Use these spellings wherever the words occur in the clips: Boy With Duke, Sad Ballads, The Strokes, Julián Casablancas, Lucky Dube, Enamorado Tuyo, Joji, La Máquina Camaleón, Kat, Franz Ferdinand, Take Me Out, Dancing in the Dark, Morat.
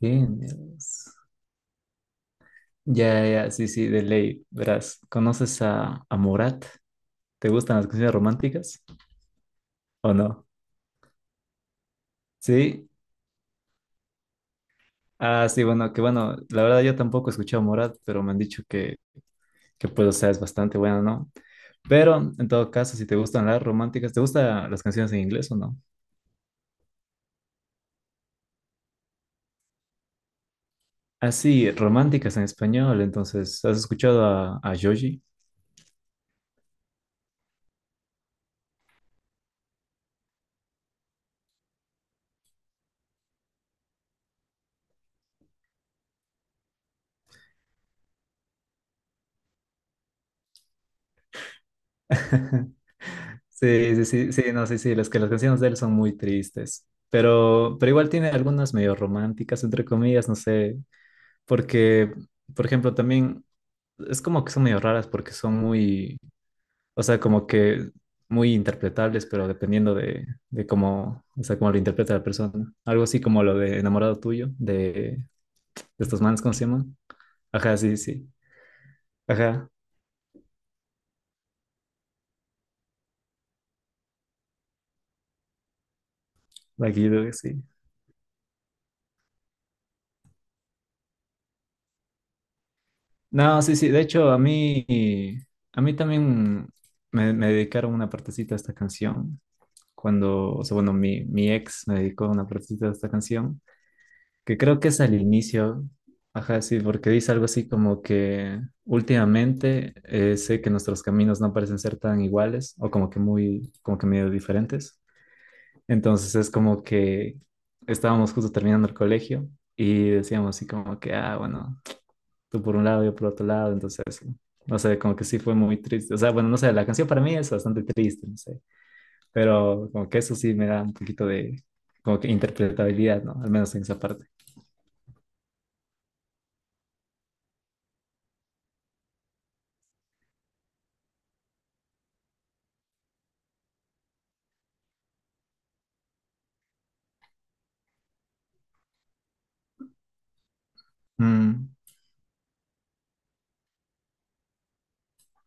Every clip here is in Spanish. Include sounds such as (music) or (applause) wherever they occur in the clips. Géneros, ya, ya, sí, sí, de ley. Verás, ¿conoces a Morat? ¿Te gustan las canciones románticas o no? Sí. Ah, sí, bueno, que bueno, la verdad yo tampoco he escuchado a Morat, pero me han dicho que pues, o sea, es bastante bueno, ¿no? Pero, en todo caso, si te gustan las románticas, ¿te gustan las canciones en inglés o no? Ah, sí, románticas en español, entonces, ¿has escuchado a Joji? (laughs) Sí, sí, sí, sí, no, sí, sí, las canciones de él son muy tristes, pero igual tiene algunas medio románticas, entre comillas, no sé, porque, por ejemplo, también es como que son medio raras porque son muy, o sea, como que muy interpretables, pero dependiendo de, cómo, o sea, cómo lo interpreta la persona. Algo así como lo de Enamorado Tuyo, de estos manes, ¿cómo se llaman? Ajá, sí, sí, ajá, Lucky Dube, sí. No, sí, sí. De hecho, a mí también me, dedicaron una partecita a esta canción. Cuando, o sea, bueno, mi, ex me dedicó una partecita a esta canción, que creo que es al inicio. Ajá, sí, porque dice algo así como que últimamente sé que nuestros caminos no parecen ser tan iguales o como que muy, como que medio diferentes. Entonces es como que estábamos justo terminando el colegio y decíamos así como que, ah, bueno, tú por un lado, yo por otro lado, entonces, no sé, como que sí fue muy triste. O sea, bueno, no sé, la canción para mí es bastante triste, no sé, pero como que eso sí me da un poquito de, como que interpretabilidad, ¿no? Al menos en esa parte. Mm.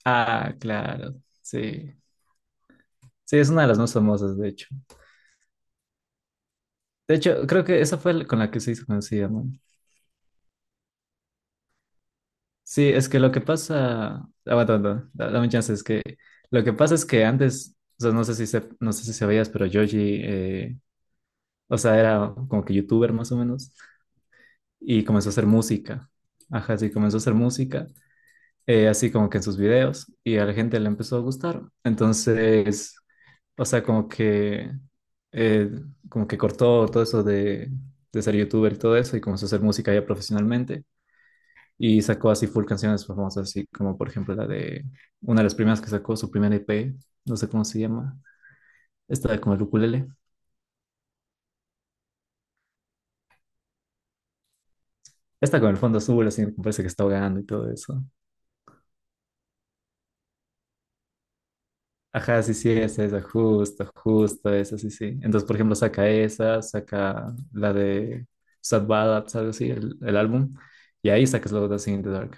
Ah, claro, sí. Sí, es una de las más famosas, de hecho. De hecho, creo que esa fue con la que se hizo conocida, ¿no? Sí, es que lo que pasa, aguanta, aguanta, dame chance, es que lo que pasa es que antes, o sea, no sé si se, no sé si sabías, pero Yoji, eh, o sea, era como que youtuber más o menos. Y comenzó a hacer música. Ajá, sí, comenzó a hacer música, así como que en sus videos, y a la gente le empezó a gustar. Entonces, o sea, eh, como que cortó todo eso de ser youtuber y todo eso, y comenzó a hacer música ya profesionalmente, y sacó así full canciones famosas, así como por ejemplo la de una de las primeras que sacó, su primer EP, no sé cómo se llama, esta con el ukulele, esta con el fondo azul, así me parece que está ahogando y todo eso. Ajá, sí, sí, es esa, justo, justo esa, sí, sí. Entonces, por ejemplo, saca esa, saca la de Sad Ballads, algo así, el, álbum, y ahí sacas luego Dancing in the Dark.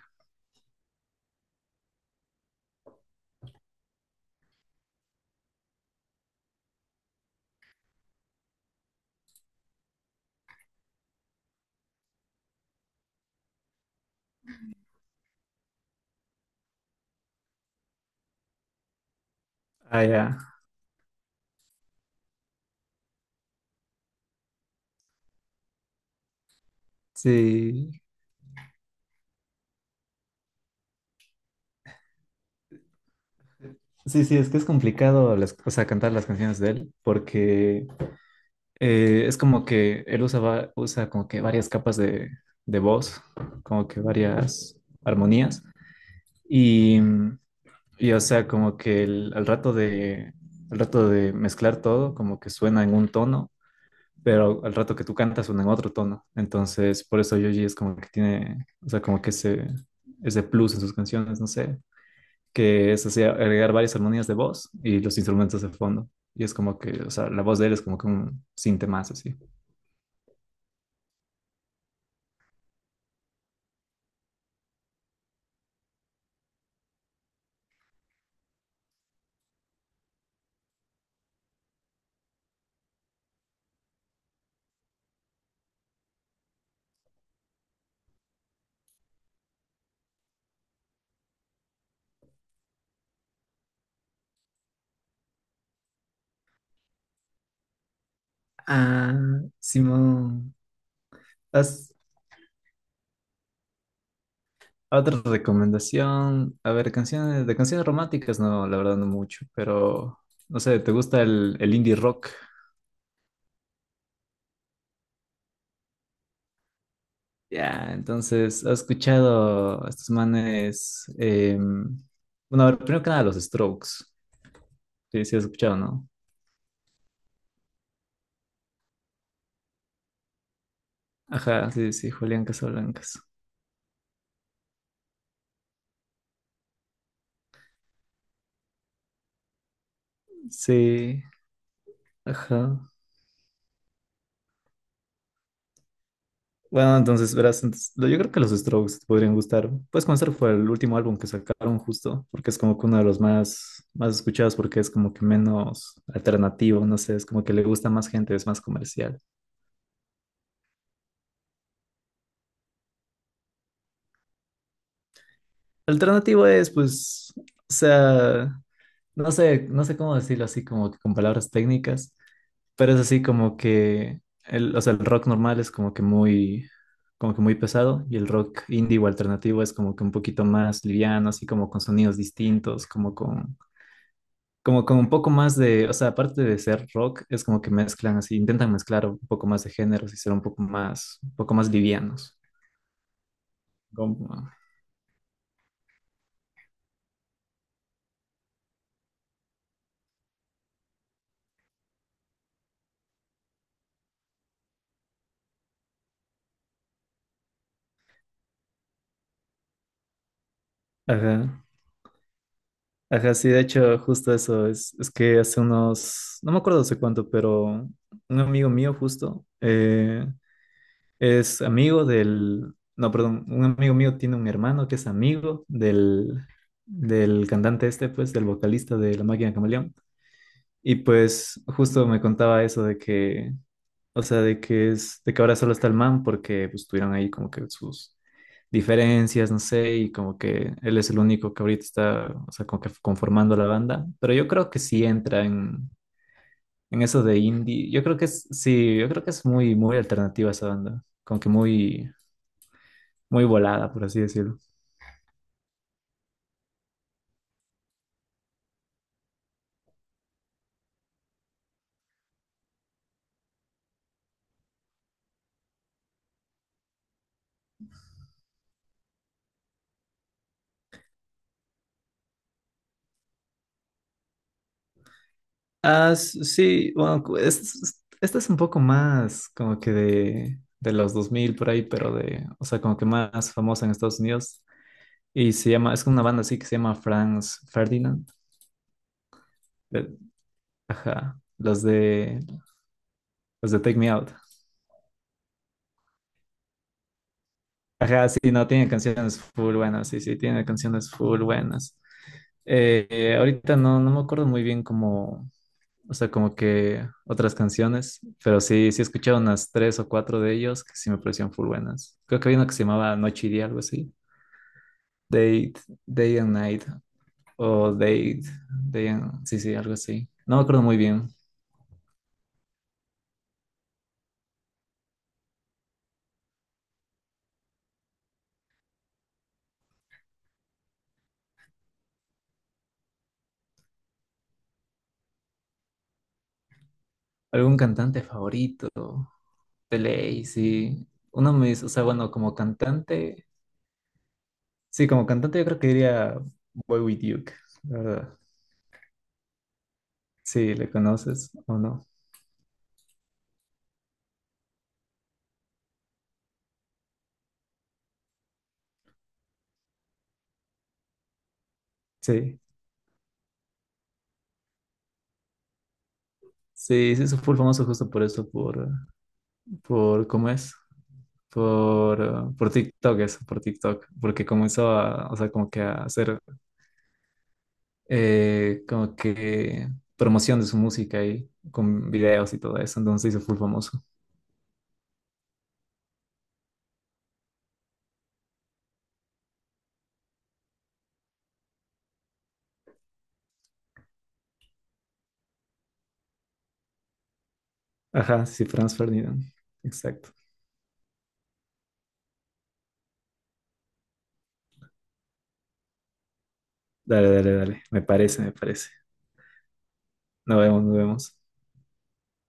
Ah, ya. Sí, sí, sí, es que es complicado o sea, cantar las canciones de él, porque es como que él usa, usa como que varias capas de voz, como que varias armonías, y mm, y o sea, como que al rato de mezclar todo, como que suena en un tono, pero al rato que tú cantas suena en otro tono. Entonces, por eso Yoji es como que tiene, o sea, como que ese plus en sus canciones, no sé, que es así, agregar varias armonías de voz y los instrumentos de fondo. Y es como que, o sea, la voz de él es como que un sinte más así. Ah, simón. Has- Otra recomendación, a ver, canciones, de canciones románticas, no, la verdad no mucho, pero no sé, ¿te gusta el, indie rock? Ya, entonces, ¿has escuchado a estos manes? Bueno, a ver, primero que nada, los Strokes. Sí, sí, has escuchado, ¿no? Ajá, sí, sí, Julián Casablancas. Sí, ajá. Bueno, entonces, verás, entonces, yo creo que los Strokes te podrían gustar. Puedes comenzar por el último álbum que sacaron justo, porque es como que uno de los más, más escuchados, porque es como que menos alternativo, no sé, es como que le gusta más gente, es más comercial. Alternativo es, pues, o sea, no sé, no sé cómo decirlo así, como que con palabras técnicas, pero es así como que, el, o sea, el rock normal es como que muy pesado y el rock indie o alternativo es como que un poquito más liviano, así como con sonidos distintos, como con, como, como un poco más de, o sea, aparte de ser rock, es como que mezclan así, intentan mezclar un poco más de géneros y ser un poco más livianos. Como- Ajá, ajá, sí, de hecho, justo eso, es que hace unos, no me acuerdo hace cuánto, pero un amigo mío justo es amigo del, no, perdón, un amigo mío tiene un hermano que es amigo del, del cantante este, pues, del vocalista de La Máquina Camaleón. Y pues justo me contaba eso de que, o sea, de que es, de que ahora solo está el man porque pues, tuvieron ahí como que sus diferencias, no sé, y como que él es el único que ahorita está, o sea, como que conformando la banda. Pero yo creo que sí entra en eso de indie. Yo creo que es, sí, yo creo que es muy, muy alternativa esa banda. Como que muy, muy volada, por así decirlo. Ah, sí, bueno, esta es un poco más como que de los 2000 por ahí, pero de, o sea, como que más famosa en Estados Unidos. Y se llama, es una banda así que se llama Franz Ferdinand. de- Ajá, los de Take Me Out. Ajá, sí, no, tiene canciones full buenas, sí, sí, tiene canciones full buenas. Ahorita no, no me acuerdo muy bien como, o sea, como que otras canciones, pero sí, sí he escuchado unas tres o cuatro de ellos que sí me parecían full buenas. Creo que había una que se llamaba Noche y Día, algo así. Date Day and Night, o date Day and, sí, sí, algo así. No me acuerdo muy bien. ¿Algún cantante favorito? De ley, sí. Uno me dice, o sea, bueno, como cantante, sí, como cantante yo creo que diría Boy With Duke, la verdad. Sí, ¿le conoces o no? Sí. Sí, sí, se fue famoso justo por eso, por, ¿cómo es? Por TikTok, eso, por TikTok, porque comenzó a, o sea, como que a hacer, como que promoción de su música y con videos y todo eso, entonces se hizo full famoso. Ajá, sí, Franz Ferdinand, exacto. Dale, dale, dale, me parece, me parece. Nos vemos, nos vemos.